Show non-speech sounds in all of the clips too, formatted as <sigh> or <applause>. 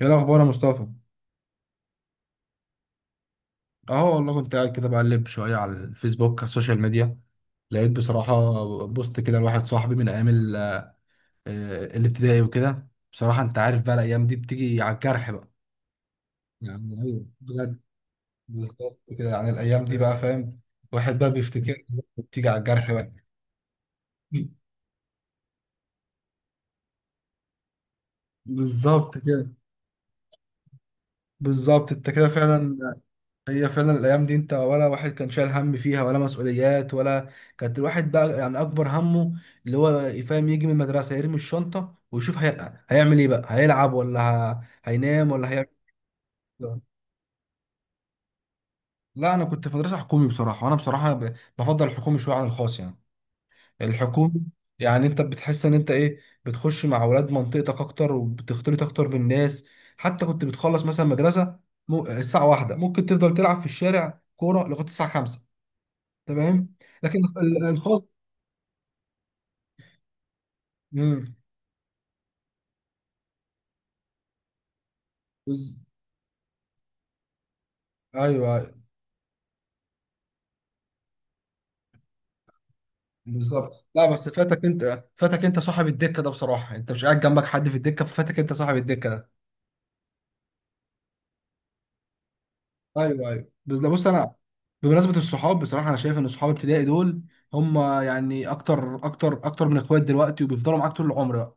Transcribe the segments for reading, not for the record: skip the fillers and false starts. ايه الاخبار يا مصطفى؟ اهو والله كنت قاعد كده بقلب شويه على الفيسبوك، على السوشيال ميديا. لقيت بصراحه بوست كده لواحد صاحبي من ايام الابتدائي وكده. بصراحه انت عارف بقى الايام دي بتيجي على الجرح بقى. يعني ايوه بجد، بالظبط كده. يعني الايام دي بقى، فاهم، الواحد بقى بيفتكر، بتيجي على الجرح بقى. بالظبط كده. بالظبط انت كده فعلا. هي فعلا الايام دي انت ولا واحد كان شايل هم فيها ولا مسؤوليات ولا، كانت الواحد بقى يعني اكبر همه اللي هو يفهم يجي من المدرسه يرمي الشنطه ويشوف هيعمل ايه بقى، هيلعب ولا هينام ولا هيعمل. إيه؟ لا انا كنت في مدرسه حكومي بصراحه، وانا بصراحه بفضل الحكومي شويه عن الخاص يعني. الحكومي يعني انت بتحس ان انت ايه، بتخش مع اولاد منطقتك اكتر وبتختلط اكتر بالناس. حتى كنت بتخلص مثلا مدرسه الساعه واحدة، ممكن تفضل تلعب في الشارع كوره لغايه الساعه 5. تمام. لكن الخاص، امم، بز... ايوه، أيوة، بالظبط. لا بس فاتك انت، فاتك انت صاحب الدكه ده. بصراحه انت مش قاعد جنبك حد في الدكه، ففاتك انت صاحب الدكه ده. ايوه ايوه، بس لا بص انا، بمناسبه الصحاب بصراحه انا شايف ان صحاب ابتدائي دول هم يعني اكتر اكتر اكتر من اخوات دلوقتي، وبيفضلوا معاك طول العمر بقى.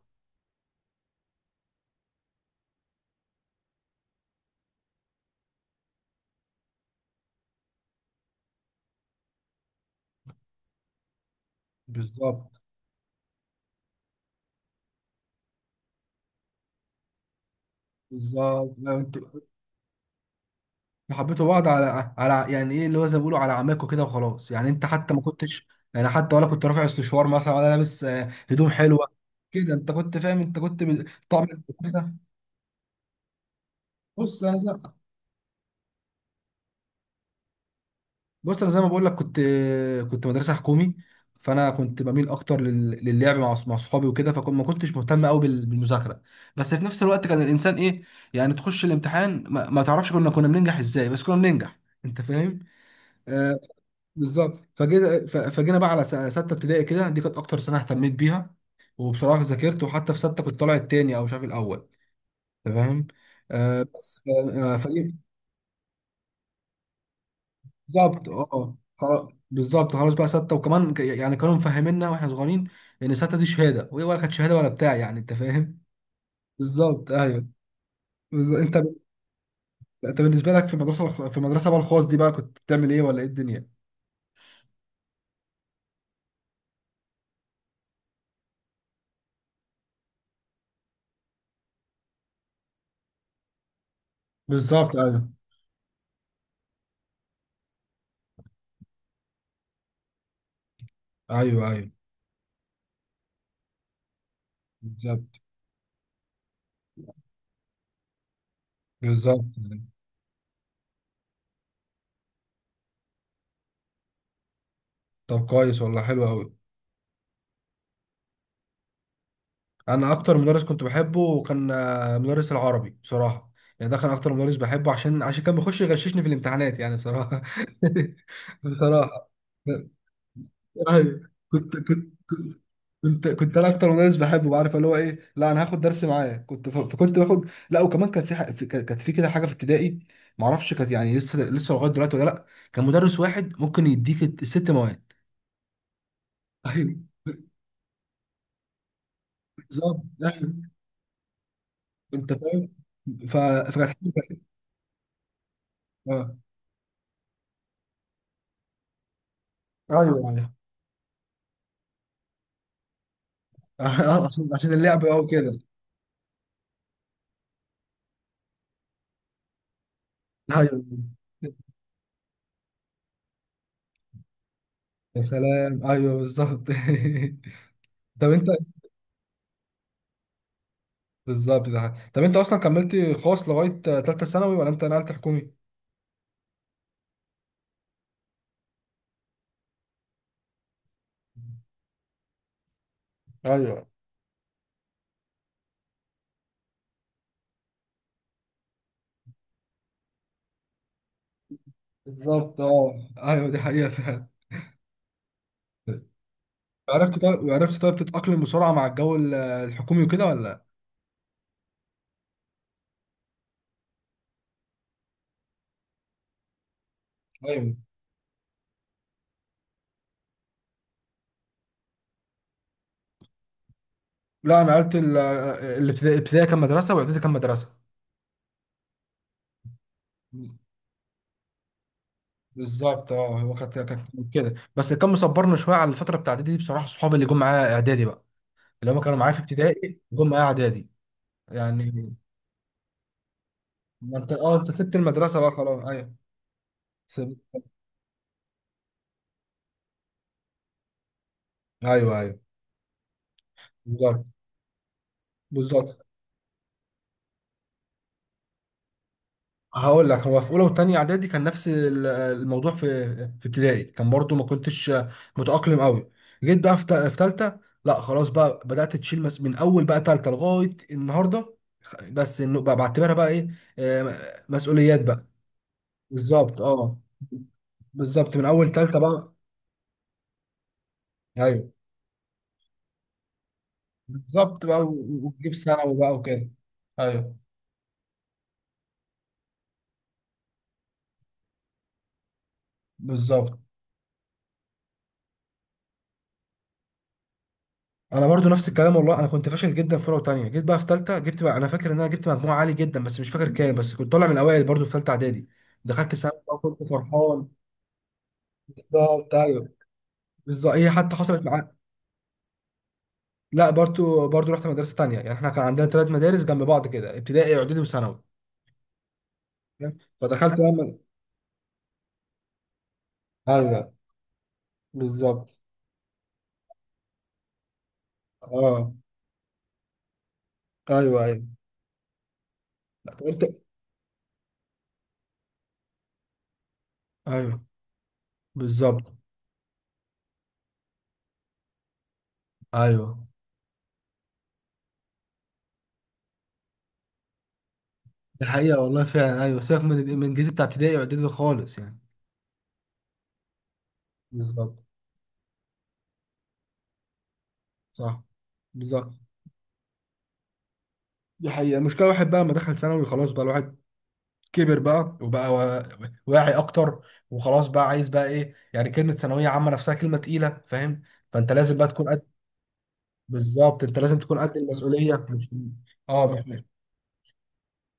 بالظبط. بالظبط. لا، انت حبيتوا بعض على على، يعني ايه اللي هو زي ما بيقولوا على عماكوا كده وخلاص يعني. انت حتى ما كنتش يعني، حتى ولا كنت رافع استشوار مثلا ولا لابس هدوم حلوه كده. انت كنت فاهم، انت كنت طعم المدرسه. بص انا زي بص انا زي ما بقول لك، كنت كنت مدرسه حكومي، فانا كنت بميل اكتر للعب مع مع اصحابي وكده، فكنت ما كنتش مهتم قوي بالمذاكره. بس في نفس الوقت كان الانسان ايه، يعني تخش الامتحان ما, ما تعرفش كنا بننجح ازاي، بس كنا بننجح. انت فاهم. آه، بالظبط. فجينا فجينا بقى على سته ابتدائي كده، دي كانت اكتر سنه اهتميت بيها. وبصراحه ذاكرت، وحتى في سته كنت طالع التاني او مش عارف الاول. انت فاهم. آه بس ف- آه، فدي بالظبط. بالظبط خلاص بقى سته، وكمان يعني كانوا مفهميننا واحنا صغيرين ان سته دي شهاده، وهي ولا كانت شهاده ولا بتاع، يعني انت فاهم. بالظبط ايوه. بالظبط. انت انت بالنسبه لك في المدرسه في المدرسه بقى الخاص دي، بقى كنت بتعمل ايه، ولا ايه الدنيا؟ بالظبط ايوه. ايوه ايوه. بالظبط. بالظبط. طب كويس والله، حلو قوي. انا اكتر مدرس كنت بحبه كان مدرس العربي بصراحه. يعني ده كان اكتر مدرس بحبه عشان عشان كان بيخش يغششني في الامتحانات يعني بصراحه. <laughs> بصراحه. ايوه كنت كنت، كنت انا اكتر مدرس بحبه، عارف اللي هو ايه، لا انا هاخد درس معاه كنت فكنت باخد. لا وكمان كان كانت في كده حاجه في ابتدائي ما اعرفش كانت يعني، لسه لسه لغايه دلوقتي ولا لا، كان مدرس واحد ممكن يديك الست مواد. ايوه بالظبط. ايوه، انت فاهم. ف... فكانت، اه ايوه ايوه. <laughs> آه، عشان عشان اللعب اهو كده. ايوه. يا سلام، ايوه بالظبط. <laughs> طب انت، بالظبط. ده طب انت اصلا كملت خاص لغايه ثالثه ثانوي ولا انت نقلت حكومي؟ ايوه بالظبط، اه ايوه دي حقيقه فعلا. عرفت طيب، عرفت طيب تتأقلم بسرعة مع الجو الحكومي وكده ولا؟ ايوه. لا انا قلت الابتدائي الابتدائي كان مدرسة، واعدادي كان مدرسة. بالظبط اه، هو كانت كانت كده، بس اللي كان مصبرنا شوية على الفترة بتاع اعدادي دي بصراحة صحابي اللي جم معايا اعدادي بقى، اللي هم كانوا معايا في ابتدائي وهم معايا اعدادي يعني. ما انت اه، انت سبت المدرسه بقى خلاص، ايوه سبت. ايوه ايوه بالظبط. بالظبط هقول لك، هو في اولى وثانيه اعدادي كان نفس الموضوع في في ابتدائي، كان برضو ما كنتش متاقلم قوي. جيت بقى في ثالثه، لا خلاص بقى بدات تشيل مس من اول بقى ثالثه لغايه النهارده. بس انه بقى بعتبرها بقى ايه، مسؤوليات بقى. بالظبط اه، بالظبط من اول ثالثه بقى. ايوه، بالظبط بقى، وتجيب ثانوي بقى وكده. ايوه بالظبط. انا برضو نفس الكلام والله، انا كنت فاشل جدا في اولى وثانيه، جيت بقى في ثالثه جبت بقى، انا فاكر ان انا جبت مجموعه عالي جدا بس مش فاكر كام، بس كنت طالع من الاوائل برضو في ثالثه اعدادي. دخلت ثانوي بقى كنت فرحان. بالظبط ايوه. بالظبط هي حتى حصلت معايا. لا برضو، برضو رحت مدرسه تانيه، يعني احنا كان عندنا ثلاث مدارس جنب بعض كده، ابتدائي اعدادي وثانوي. فاهم؟ فدخلت بقى ايوه بالظبط اه. ايوه ايوه. لا، طب انت، ايوه بالظبط. ايوه دي حقيقة والله فعلا، أيوة سيبك من من الإنجليزي بتاع ابتدائي وإعدادي خالص يعني. بالظبط. صح. بالظبط. دي حقيقة المشكلة، الواحد بقى ما دخل ثانوي خلاص بقى الواحد كبر بقى وبقى واعي أكتر، وخلاص بقى عايز بقى إيه، يعني كلمة ثانوية عامة نفسها كلمة تقيلة فاهم، فأنت لازم بقى تكون قد، بالظبط أنت لازم تكون قد المسؤولية، مش <laughs> أه مش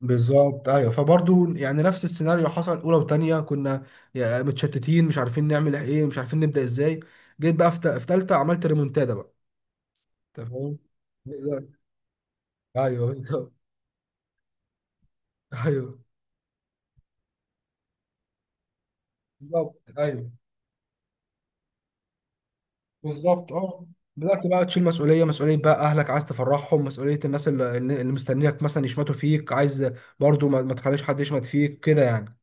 بالظبط. أيوه، فبرضه يعني نفس السيناريو حصل، أولى وتانية كنا متشتتين مش عارفين نعمل إيه، مش عارفين نبدأ إزاي. جيت بقى في في تالتة عملت ريمونتادا بقى. تمام، بالظبط ايوه بالظبط ايوه بالظبط ايوه. بالظبط اه، بدأت بقى تشيل مسؤولية مسؤولية بقى، أهلك عايز تفرحهم، مسؤولية الناس اللي مستنيك مثلا يشمتوا فيك، عايز برضو ما تخليش حد يشمت فيك كده يعني.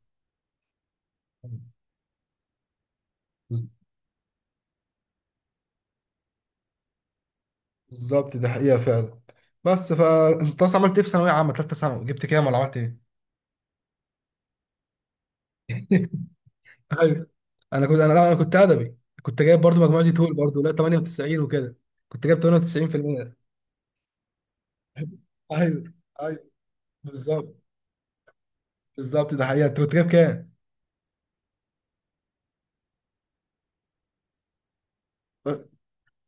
بالظبط ده حقيقة فعلا. بس فأنت أصلا عملت إيه في ثانوية عامة تالتة ثانوي، جبت كام ولا عملت إيه؟ <laughs> ايوه انا كنت، انا لا انا كنت ادبي. كنت جايب برضو مجموعتي طول برضو، لا 98 وكده، كنت جايب 98%. <laughs> ايوه ايوه بالظبط. بالظبط ده حقيقة، انت كنت جايب كام؟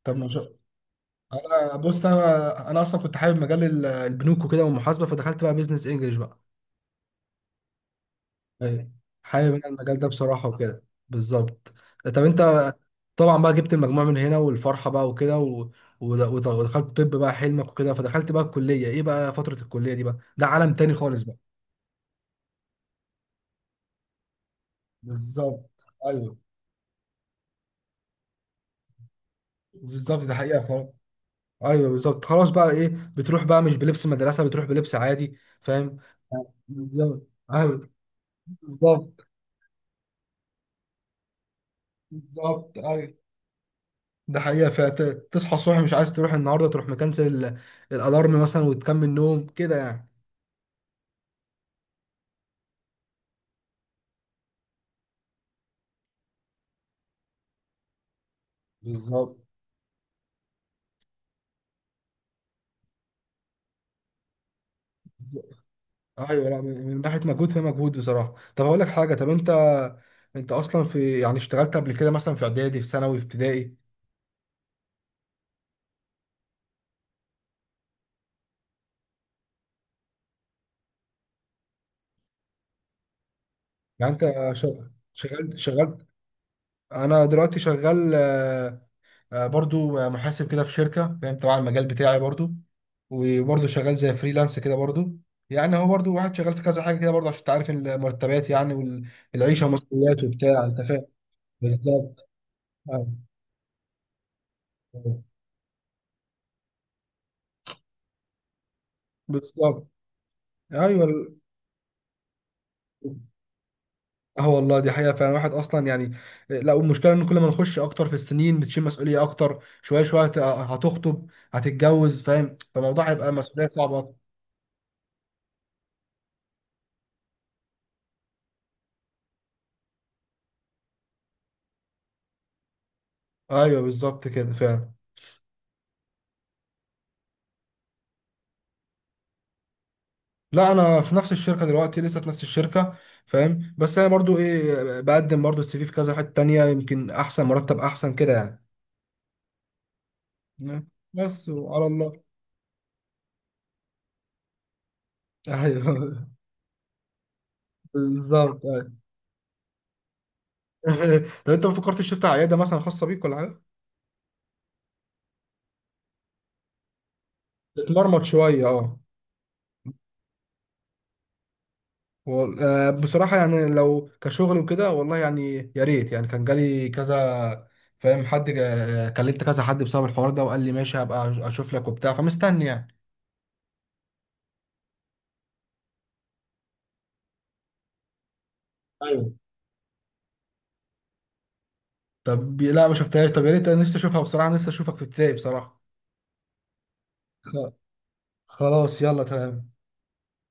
طب ما شاء. انا بص انا، انا اصلا كنت حابب مجال البنوك وكده، والمحاسبة، فدخلت بقى بيزنس انجلش بقى. ايوه حابب انا المجال ده بصراحة وكده. بالظبط طب انت، طبعا بقى جبت المجموع من هنا والفرحة بقى وكده و... ودخلت طب بقى حلمك وكده، فدخلت بقى الكلية ايه بقى، فترة الكلية دي بقى ده عالم تاني خالص بقى. بالظبط ايوه. بالظبط ده حقيقة خالص. ايوه بالظبط، خلاص بقى ايه، بتروح بقى مش بلبس مدرسه، بتروح بلبس عادي، فاهم. بالظبط ايوه. بالظبط. بالظبط ايوه، ده حقيقه، فتصحى الصبح مش عايز تروح النهارده، تروح مكنسل الالارم مثلا وتكمل نوم كده يعني. بالظبط. بالظبط. ايوه لا من من ناحيه مجهود في مجهود بصراحه. طب هقول لك حاجه، طب انت، انت اصلا في يعني اشتغلت قبل كده مثلا في اعدادي في ثانوي في ابتدائي؟ يعني انت شغلت شغلت انا دلوقتي شغال برضو محاسب كده في شركة فاهم، تبع المجال بتاعي برضو، وبرضو شغال زي فريلانس كده برضو، يعني هو برضو واحد شغال في كذا حاجة كده برضو، عشان تعرف المرتبات يعني والعيشة ومسؤوليات وبتاع، انت فاهم. بالظبط. آه، بالظبط ايوه. اه والله دي حقيقة فعلا، الواحد اصلا يعني، لا والمشكلة ان كل ما نخش اكتر في السنين بتشيل مسؤولية اكتر، شوية شوية هتخطب، هتتجوز فاهم، فالموضوع هيبقى مسؤولية صعبة اكتر. ايوه بالظبط كده فعلا. لا انا في نفس الشركه دلوقتي، لسه في نفس الشركه فاهم، بس انا برضو ايه، بقدم برضو السي في في كذا حته تانية، يمكن احسن مرتب احسن كده يعني. نعم. بس وعلى الله. ايوه <laughs> بالظبط ايوه. <laughs> طب انت ما فكرتش تفتح عياده مثلا خاصه بيك ولا حاجه؟ تتمرمط شويه اه. بصراحه يعني لو كشغل وكده، والله يعني يا ريت، يعني كان جالي كذا فاهم، كلمت كذا حد بسبب الحوار ده وقال لي ماشي هبقى اشوف لك وبتاع، فمستني يعني. ايوه طب، لا ما شفتهاش، طب يا ريت انا نفسي اشوفها بصراحه، نفسي اشوفك في ابتدائي بصراحه. خ- خلاص يلا تمام.